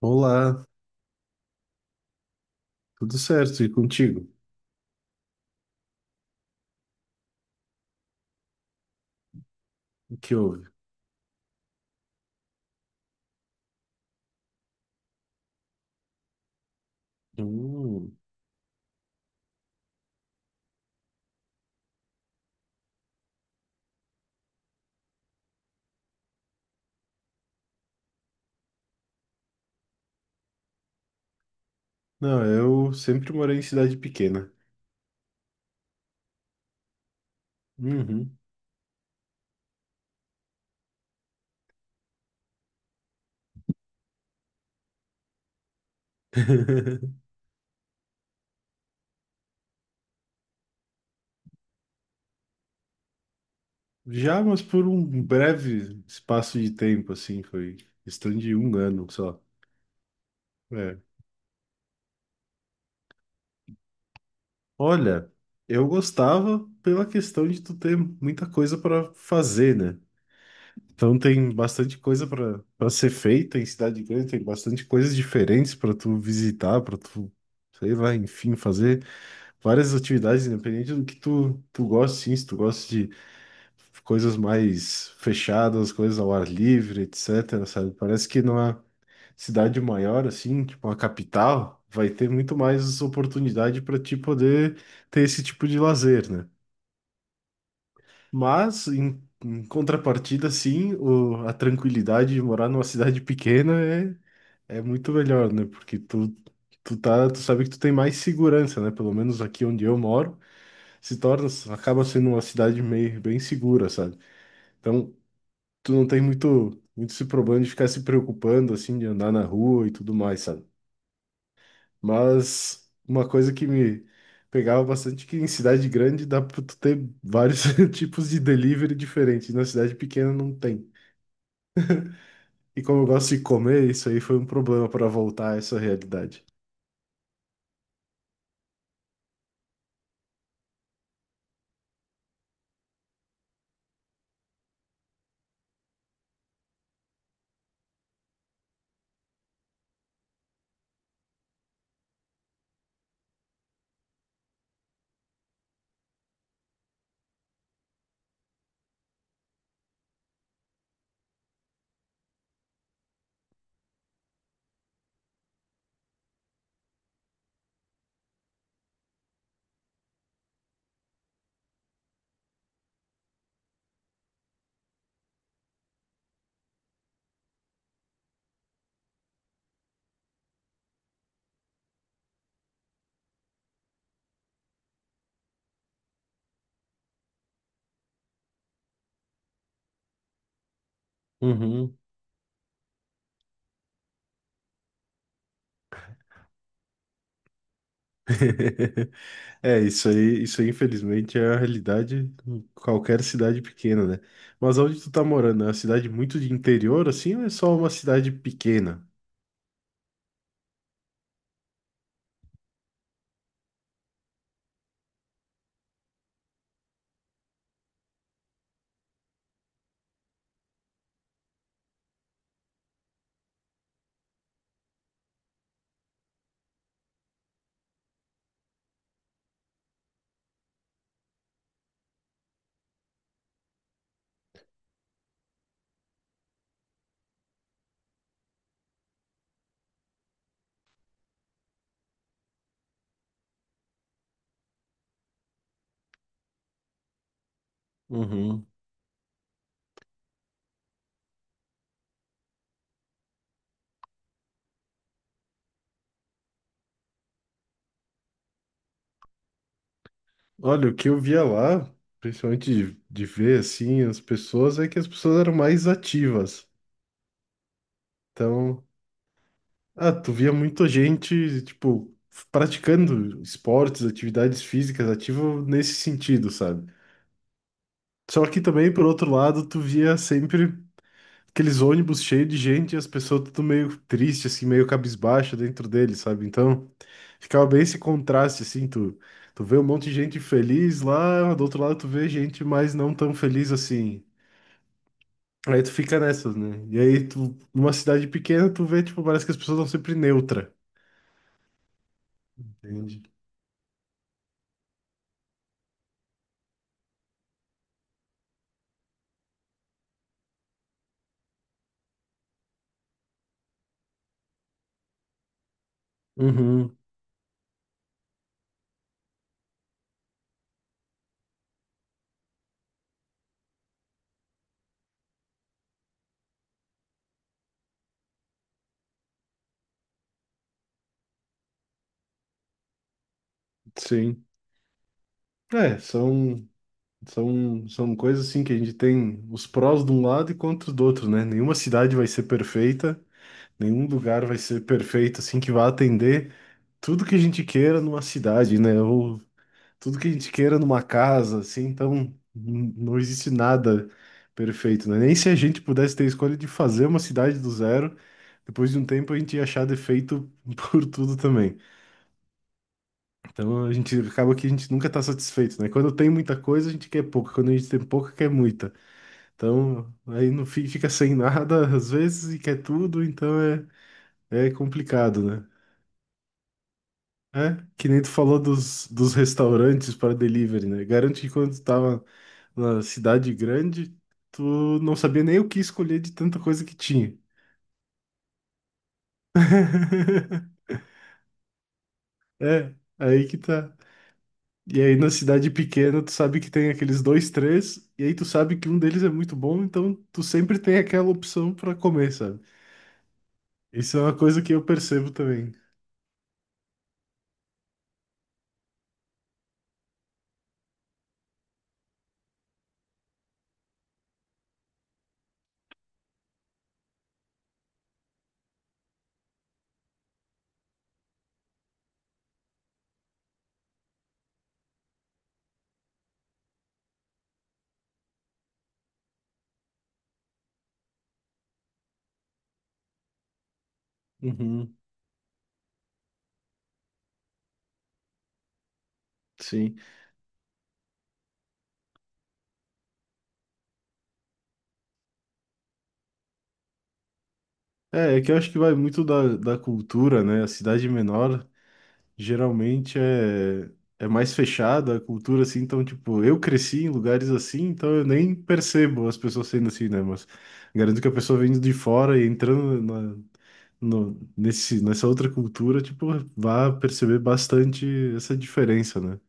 Olá, tudo certo? E contigo? O que houve? Hum, Não, eu sempre morei em cidade pequena. Uhum. Já, mas por um breve espaço de tempo, assim, foi questão de um ano só. É. Olha, eu gostava pela questão de tu ter muita coisa para fazer, né? Então tem bastante coisa para ser feita em cidade grande, tem bastante coisas diferentes para tu visitar, sei lá, enfim, fazer. Várias atividades, independente do que tu gosta, sim, se tu gosta de coisas mais fechadas, coisas ao ar livre, etc, sabe? Parece que numa cidade maior, assim, tipo uma capital, vai ter muito mais oportunidade para ti poder ter esse tipo de lazer, né? Mas, em contrapartida, sim, a tranquilidade de morar numa cidade pequena é muito melhor, né? Porque tu sabe que tu tem mais segurança, né? Pelo menos aqui onde eu moro, se torna, acaba sendo uma cidade meio bem segura, sabe? Então, tu não tem muito esse problema de ficar se preocupando, assim, de andar na rua e tudo mais, sabe? Mas uma coisa que me pegava bastante é que em cidade grande dá pra tu ter vários tipos de delivery diferentes, e na cidade pequena não tem. E como eu gosto de comer, isso aí foi um problema para voltar a essa realidade. Uhum. É, isso aí, infelizmente, é a realidade em qualquer cidade pequena, né? Mas onde tu tá morando? É uma cidade muito de interior, assim, ou é só uma cidade pequena? Uhum. Olha, o que eu via lá, principalmente de ver, assim, as pessoas, é que as pessoas eram mais ativas. Então, ah, tu via muita gente, tipo, praticando esportes, atividades físicas, ativo nesse sentido, sabe? Só que também, por outro lado, tu via sempre aqueles ônibus cheios de gente e as pessoas tudo meio triste, assim, meio cabisbaixa dentro dele, sabe? Então, ficava bem esse contraste, tu vê um monte de gente feliz lá, do outro lado tu vê gente mais não tão feliz assim. Aí tu fica nessas, né? E aí tu, numa cidade pequena, tu vê, tipo, parece que as pessoas estão sempre neutra. Entende? Uhum, sim. É, são coisas assim que a gente tem os prós de um lado e contras do outro, né? Nenhuma cidade vai ser perfeita. Nenhum lugar vai ser perfeito, assim, que vá atender tudo que a gente queira numa cidade, né? Ou tudo que a gente queira numa casa, assim. Então, não existe nada perfeito, né? Nem se a gente pudesse ter a escolha de fazer uma cidade do zero, depois de um tempo a gente ia achar defeito por tudo também. Então, a gente acaba que a gente nunca tá satisfeito, né? Quando tem muita coisa, a gente quer pouca. Quando a gente tem pouca, quer muita. Então, aí no fim fica sem nada às vezes e quer tudo, então é, é complicado, né? É, que nem tu falou dos restaurantes para delivery, né? Garanto que quando tu tava na cidade grande, tu não sabia nem o que escolher de tanta coisa que tinha. É, aí que tá. E aí na cidade pequena, tu sabe que tem aqueles dois, três, e aí tu sabe que um deles é muito bom, então tu sempre tem aquela opção para comer, sabe? Isso é uma coisa que eu percebo também. Uhum, sim. É, é que eu acho que vai muito da cultura, né? A cidade menor geralmente é, é mais fechada a cultura, assim, então, tipo, eu cresci em lugares assim, então eu nem percebo as pessoas sendo assim, né? Mas garanto que a pessoa vindo de fora e entrando no, nessa outra cultura, tipo, vai perceber bastante essa diferença, né?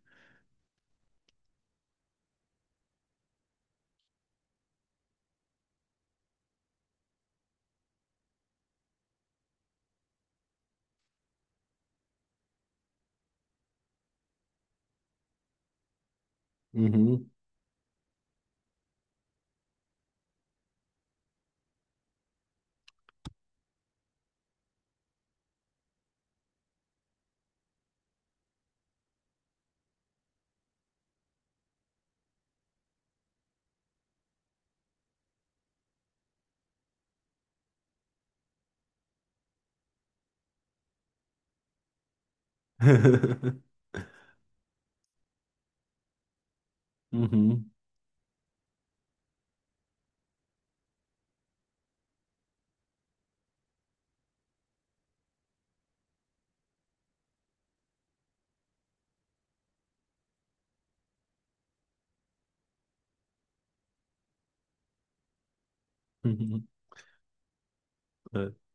Uhum, uhum,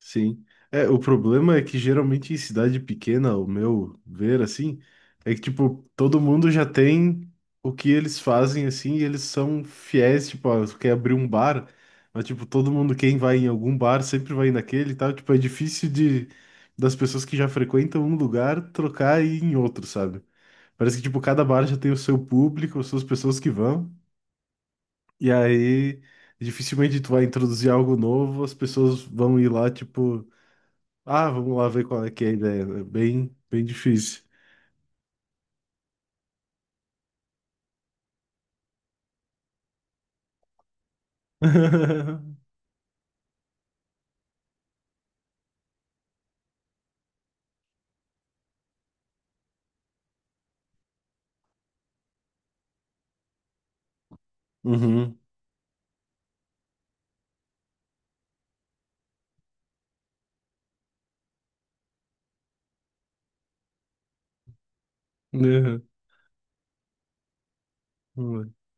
sim. É, o problema é que geralmente em cidade pequena, o meu ver assim, é que tipo, todo mundo já tem o que eles fazem assim, e eles são fiéis, tipo, ó, tu quer abrir um bar, mas tipo, todo mundo quem vai em algum bar sempre vai naquele e tal, tipo, é difícil de das pessoas que já frequentam um lugar trocar e ir em outro, sabe? Parece que tipo, cada bar já tem o seu público, as suas pessoas que vão. E aí dificilmente tu vai introduzir algo novo, as pessoas vão ir lá, tipo, ah, vamos lá ver qual é que é a ideia. É bem difícil. Uhum. Uhum. Uhum.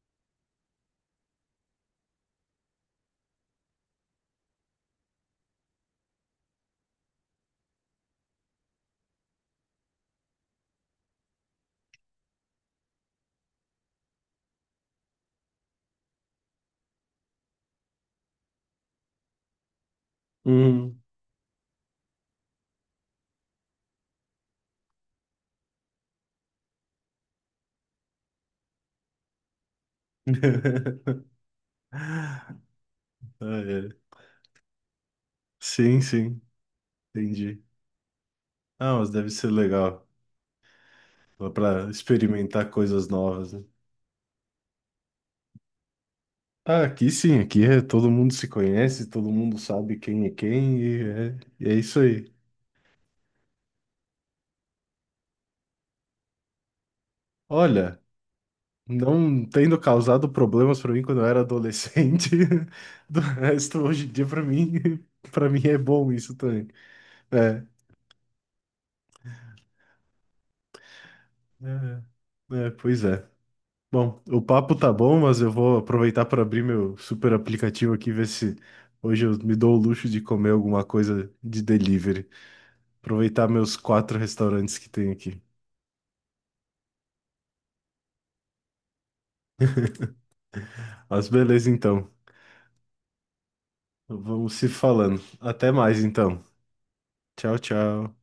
Ah, é. Sim, sim, entendi. Ah, mas deve ser legal. Dá pra experimentar coisas novas, né? Ah, aqui sim, aqui é todo mundo se conhece, todo mundo sabe quem é quem e e é isso aí. Olha, não tendo causado problemas pra mim quando eu era adolescente, do resto hoje em dia pra mim, para mim é bom isso também. É. É, é, pois é. Bom, o papo tá bom, mas eu vou aproveitar para abrir meu super aplicativo aqui, ver se hoje eu me dou o luxo de comer alguma coisa de delivery. Aproveitar meus quatro restaurantes que tem aqui. Mas beleza, então. Vamos se falando. Até mais, então. Tchau, tchau.